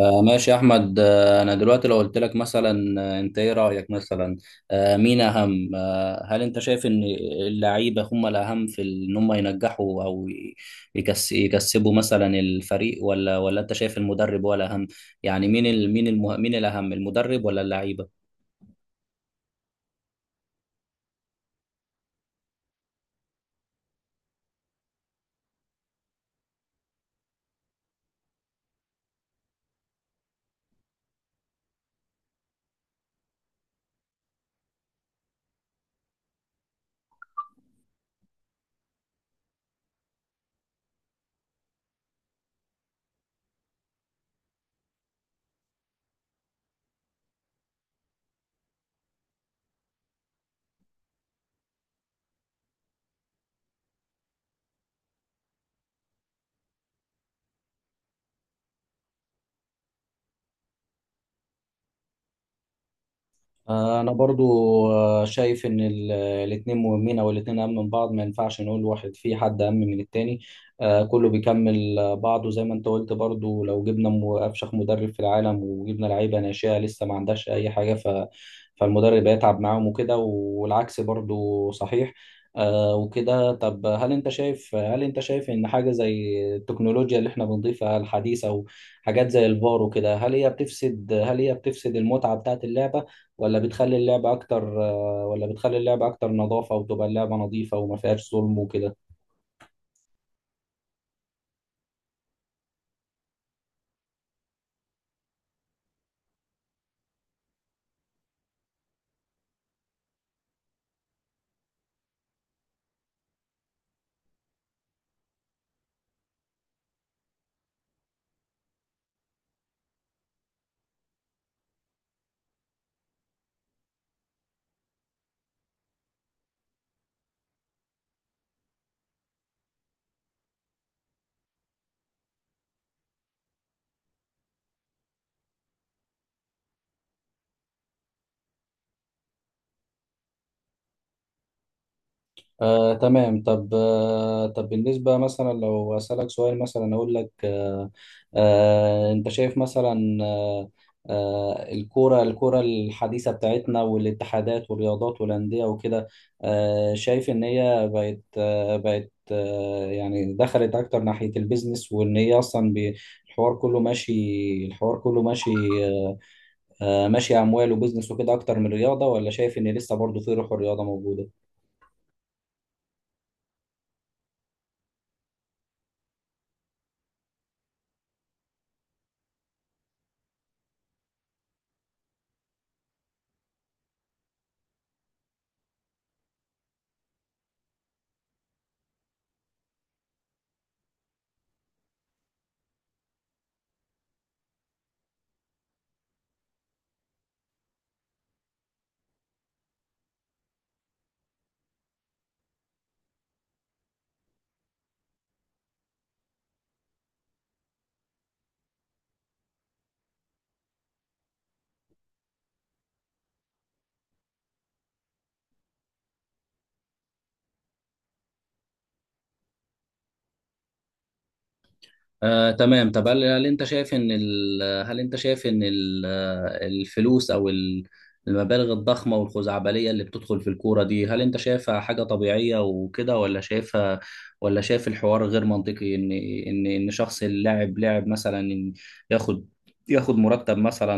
ماشي يا احمد، انا دلوقتي لو قلت لك مثلا، انت ايه رايك مثلا؟ مين اهم؟ هل انت شايف ان اللعيبه هم الاهم في ان هم ينجحوا او يكسبوا مثلا الفريق، ولا انت شايف المدرب هو الاهم؟ يعني مين ال مين المه مين الاهم، المدرب ولا اللعيبه؟ انا برضو، شايف ان الاتنين مهمين، او الاتنين اهم من بعض، ما ينفعش نقول واحد، في حد اهم من التاني. كله بيكمل بعضه زي ما انت قلت برضو، لو جبنا افشخ مدرب في العالم وجبنا لعيبه ناشئه لسه ما عندهاش اي حاجه، فالمدرب هيتعب معاهم وكده، والعكس برضو صحيح. وكده. طب هل انت شايف ان حاجه زي التكنولوجيا اللي احنا بنضيفها الحديثه وحاجات زي الفار وكده، هل هي بتفسد المتعه بتاعت اللعبه، ولا بتخلي اللعبة أكتر نظافة، وتبقى اللعبة نظيفة وما فيهاش ظلم وكده؟ تمام. طب بالنسبة مثلا، لو أسألك سؤال مثلا، أقول لك، أنت شايف مثلا، الكورة الحديثة بتاعتنا والاتحادات والرياضات والأندية وكده، شايف إن هي بقت آه بقت آه يعني دخلت أكتر ناحية البيزنس، وإن هي أصلا الحوار كله ماشي الحوار كله ماشي. آه، ماشي، اموال وبزنس وكده اكتر من رياضه، ولا شايف ان لسه برضه في روح الرياضه موجوده؟ تمام. طب هل انت شايف ان ال... هل انت شايف ان ال... آه، الفلوس او المبالغ الضخمه والخزعبليه اللي بتدخل في الكوره دي، هل انت شايفها حاجه طبيعيه وكده، ولا شايف الحوار غير منطقي، ان شخص، لاعب مثلا، إن ياخد ياخد مرتب مثلا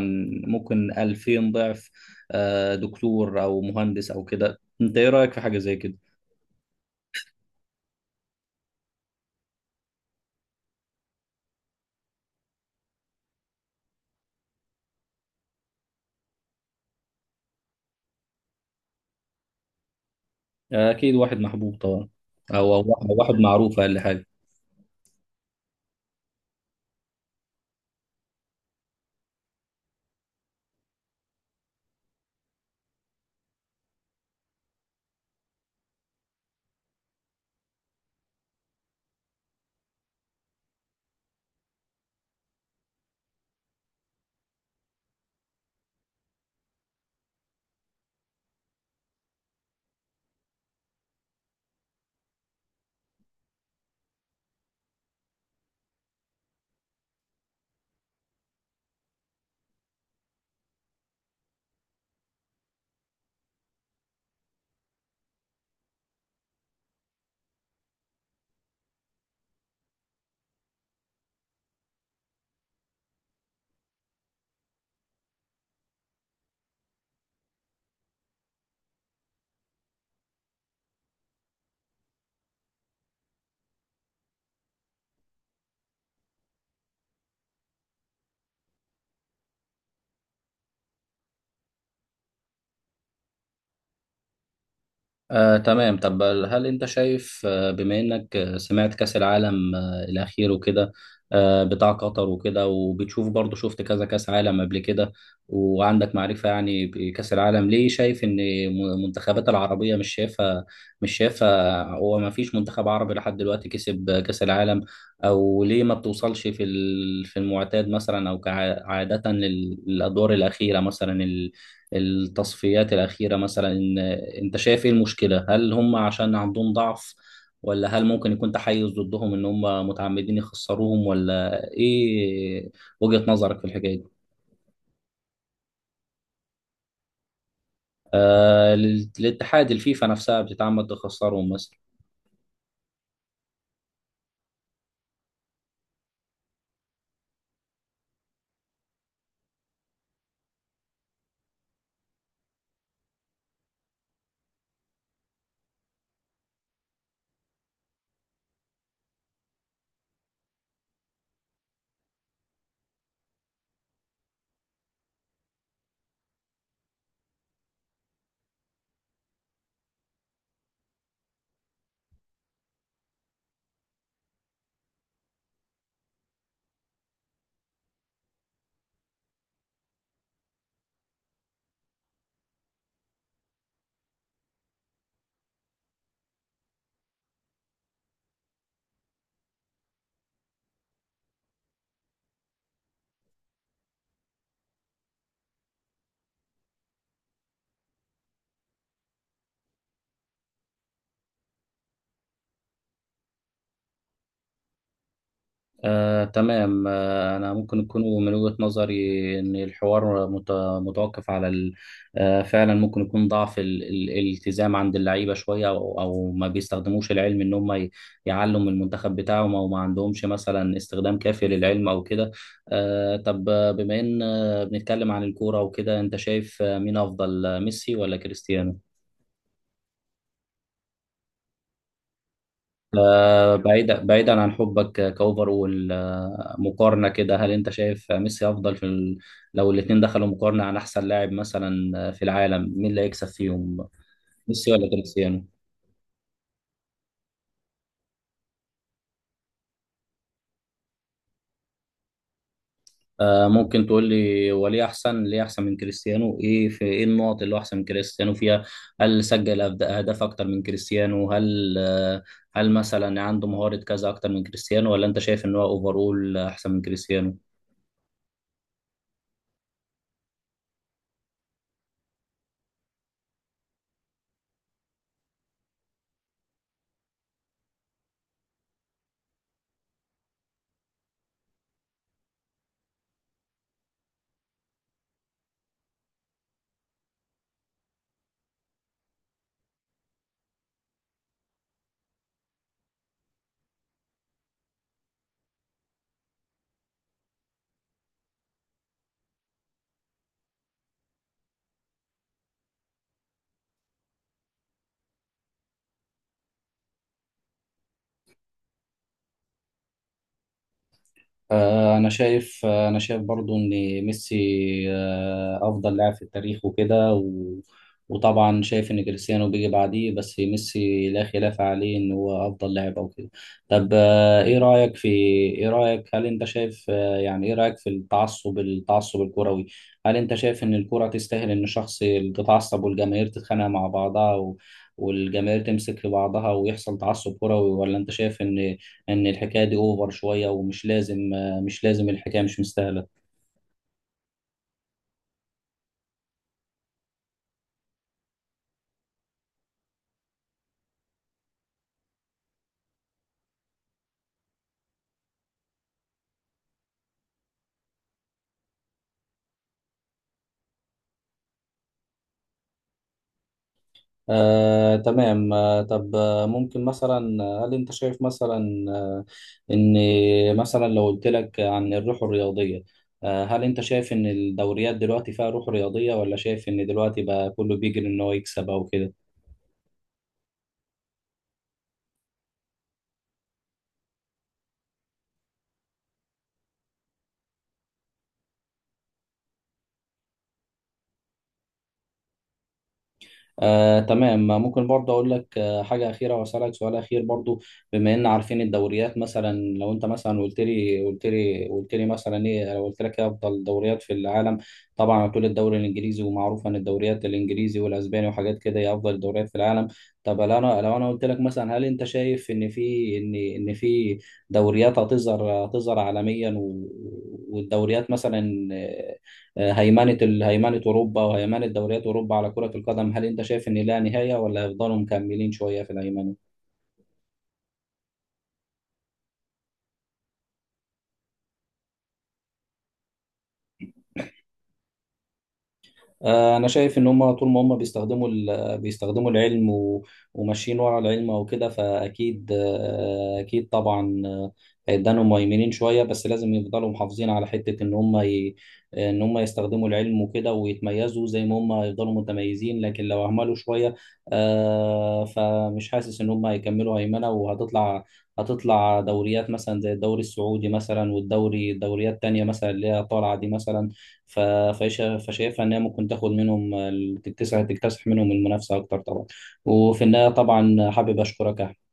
ممكن 2000 ضعف دكتور او مهندس او كده؟ انت ايه رايك في حاجه زي كده؟ اكيد واحد محبوب طبعا، او أو واحد أو واحد معروف، اقل حاجه. تمام. طب هل انت شايف، بما انك سمعت كأس العالم الاخير وكده، بتاع قطر وكده، وبتشوف برضه، شفت كذا كأس عالم قبل كده، وعندك معرفة يعني بكأس العالم. ليه شايف ان المنتخبات العربية مش شايفة، هو ما فيش منتخب عربي لحد دلوقتي كسب كأس العالم؟ او ليه ما بتوصلش في المعتاد مثلا، او كعادة للادوار الأخيرة مثلا، التصفيات الأخيرة مثلا، إن أنت شايف إيه المشكلة؟ هل هم عشان عندهم ضعف، ولا هل ممكن يكون تحيز ضدهم إن هم متعمدين يخسروهم ولا إيه وجهة نظرك في الحكاية دي؟ للاتحاد، الفيفا نفسها بتتعمد تخسرهم مثلا؟ تمام. أنا ممكن يكون من وجهة نظري إن الحوار متوقف على فعلا ممكن يكون ضعف الالتزام عند اللعيبة شوية، أو ما بيستخدموش العلم، إن هم يعلوا من المنتخب بتاعهم، أو ما عندهمش مثلا استخدام كافي للعلم أو كده. طب بما إن بنتكلم عن الكورة وكده، أنت شايف مين أفضل، ميسي ولا كريستيانو؟ بعيدا عن حبك، كاوفرول، مقارنه كده، هل انت شايف ميسي افضل في ال... لو الاثنين دخلوا مقارنه عن احسن لاعب مثلا، في العالم، مين اللي هيكسب فيهم؟ ميسي ولا كريستيانو؟ ممكن تقول لي هو ليه احسن من كريستيانو؟ ايه النقط اللي هو احسن من كريستيانو فيها؟ هل سجل اهداف اكتر من كريستيانو؟ هل مثلا عنده مهارة كذا اكتر من كريستيانو، ولا انت شايف ان هو اوفرول احسن من كريستيانو؟ انا شايف برضو ان ميسي، افضل لاعب في التاريخ وكده و... وطبعا شايف ان كريستيانو بيجي بعديه، بس ميسي لا خلاف عليه ان هو افضل لاعب او كده. طب ايه رايك في ايه رايك هل انت شايف آه، يعني ايه رايك في التعصب الكروي؟ هل انت شايف ان الكرة تستاهل ان شخص تتعصب، والجماهير تتخانق مع بعضها و... والجماهير تمسك في بعضها ويحصل تعصب كروي، ولا انت شايف ان الحكايه دي اوفر شويه ومش لازم، مش لازم الحكاية مش مستاهلة. تمام. طب ممكن مثلا، هل انت شايف مثلا ان مثلا، لو قلت لك عن الروح الرياضية، هل انت شايف ان الدوريات دلوقتي فيها روح رياضية، ولا شايف ان دلوقتي بقى كله بيجري ان هو يكسب او كده؟ تمام. ممكن برضه اقول لك، حاجه اخيره، واسالك سؤال اخير برضه. بما ان عارفين الدوريات مثلا، لو انت مثلا قلت لي مثلا ايه، لو قلت لك ايه افضل دوريات في العالم؟ طبعا هتقول الدوري الانجليزي. ومعروف ان الدوريات الانجليزي والاسباني وحاجات كده هي افضل الدوريات في العالم. طب لو انا قلت لك مثلا، هل انت شايف ان في، ان في دوريات هتظهر عالميا و- والدوريات مثلا، هيمنة أوروبا وهيمنة دوريات أوروبا على كرة القدم، هل أنت شايف إن لها نهاية، ولا هيفضلوا مكملين شوية في الهيمنة؟ انا شايف ان هم طول ما هم بيستخدموا العلم و- وماشيين ورا العلم او كده، فاكيد، آه، اكيد طبعا، هيدانهم مهيمنين شويه، بس لازم يفضلوا محافظين على حته ان هم ي... ان هم يستخدموا العلم وكده، ويتميزوا زي ما هم هيفضلوا متميزين، لكن لو اهملوا شويه، فمش حاسس ان هم هيكملوا هيمنه، وهتطلع دوريات مثلا زي الدوري السعودي مثلا، دوريات تانية مثلا اللي هي طالعه دي مثلا. ف- فشايفها انها ممكن تاخد منهم تكتسح منهم المنافسه اكتر طبعا. وفي النهايه طبعا حابب اشكرك يا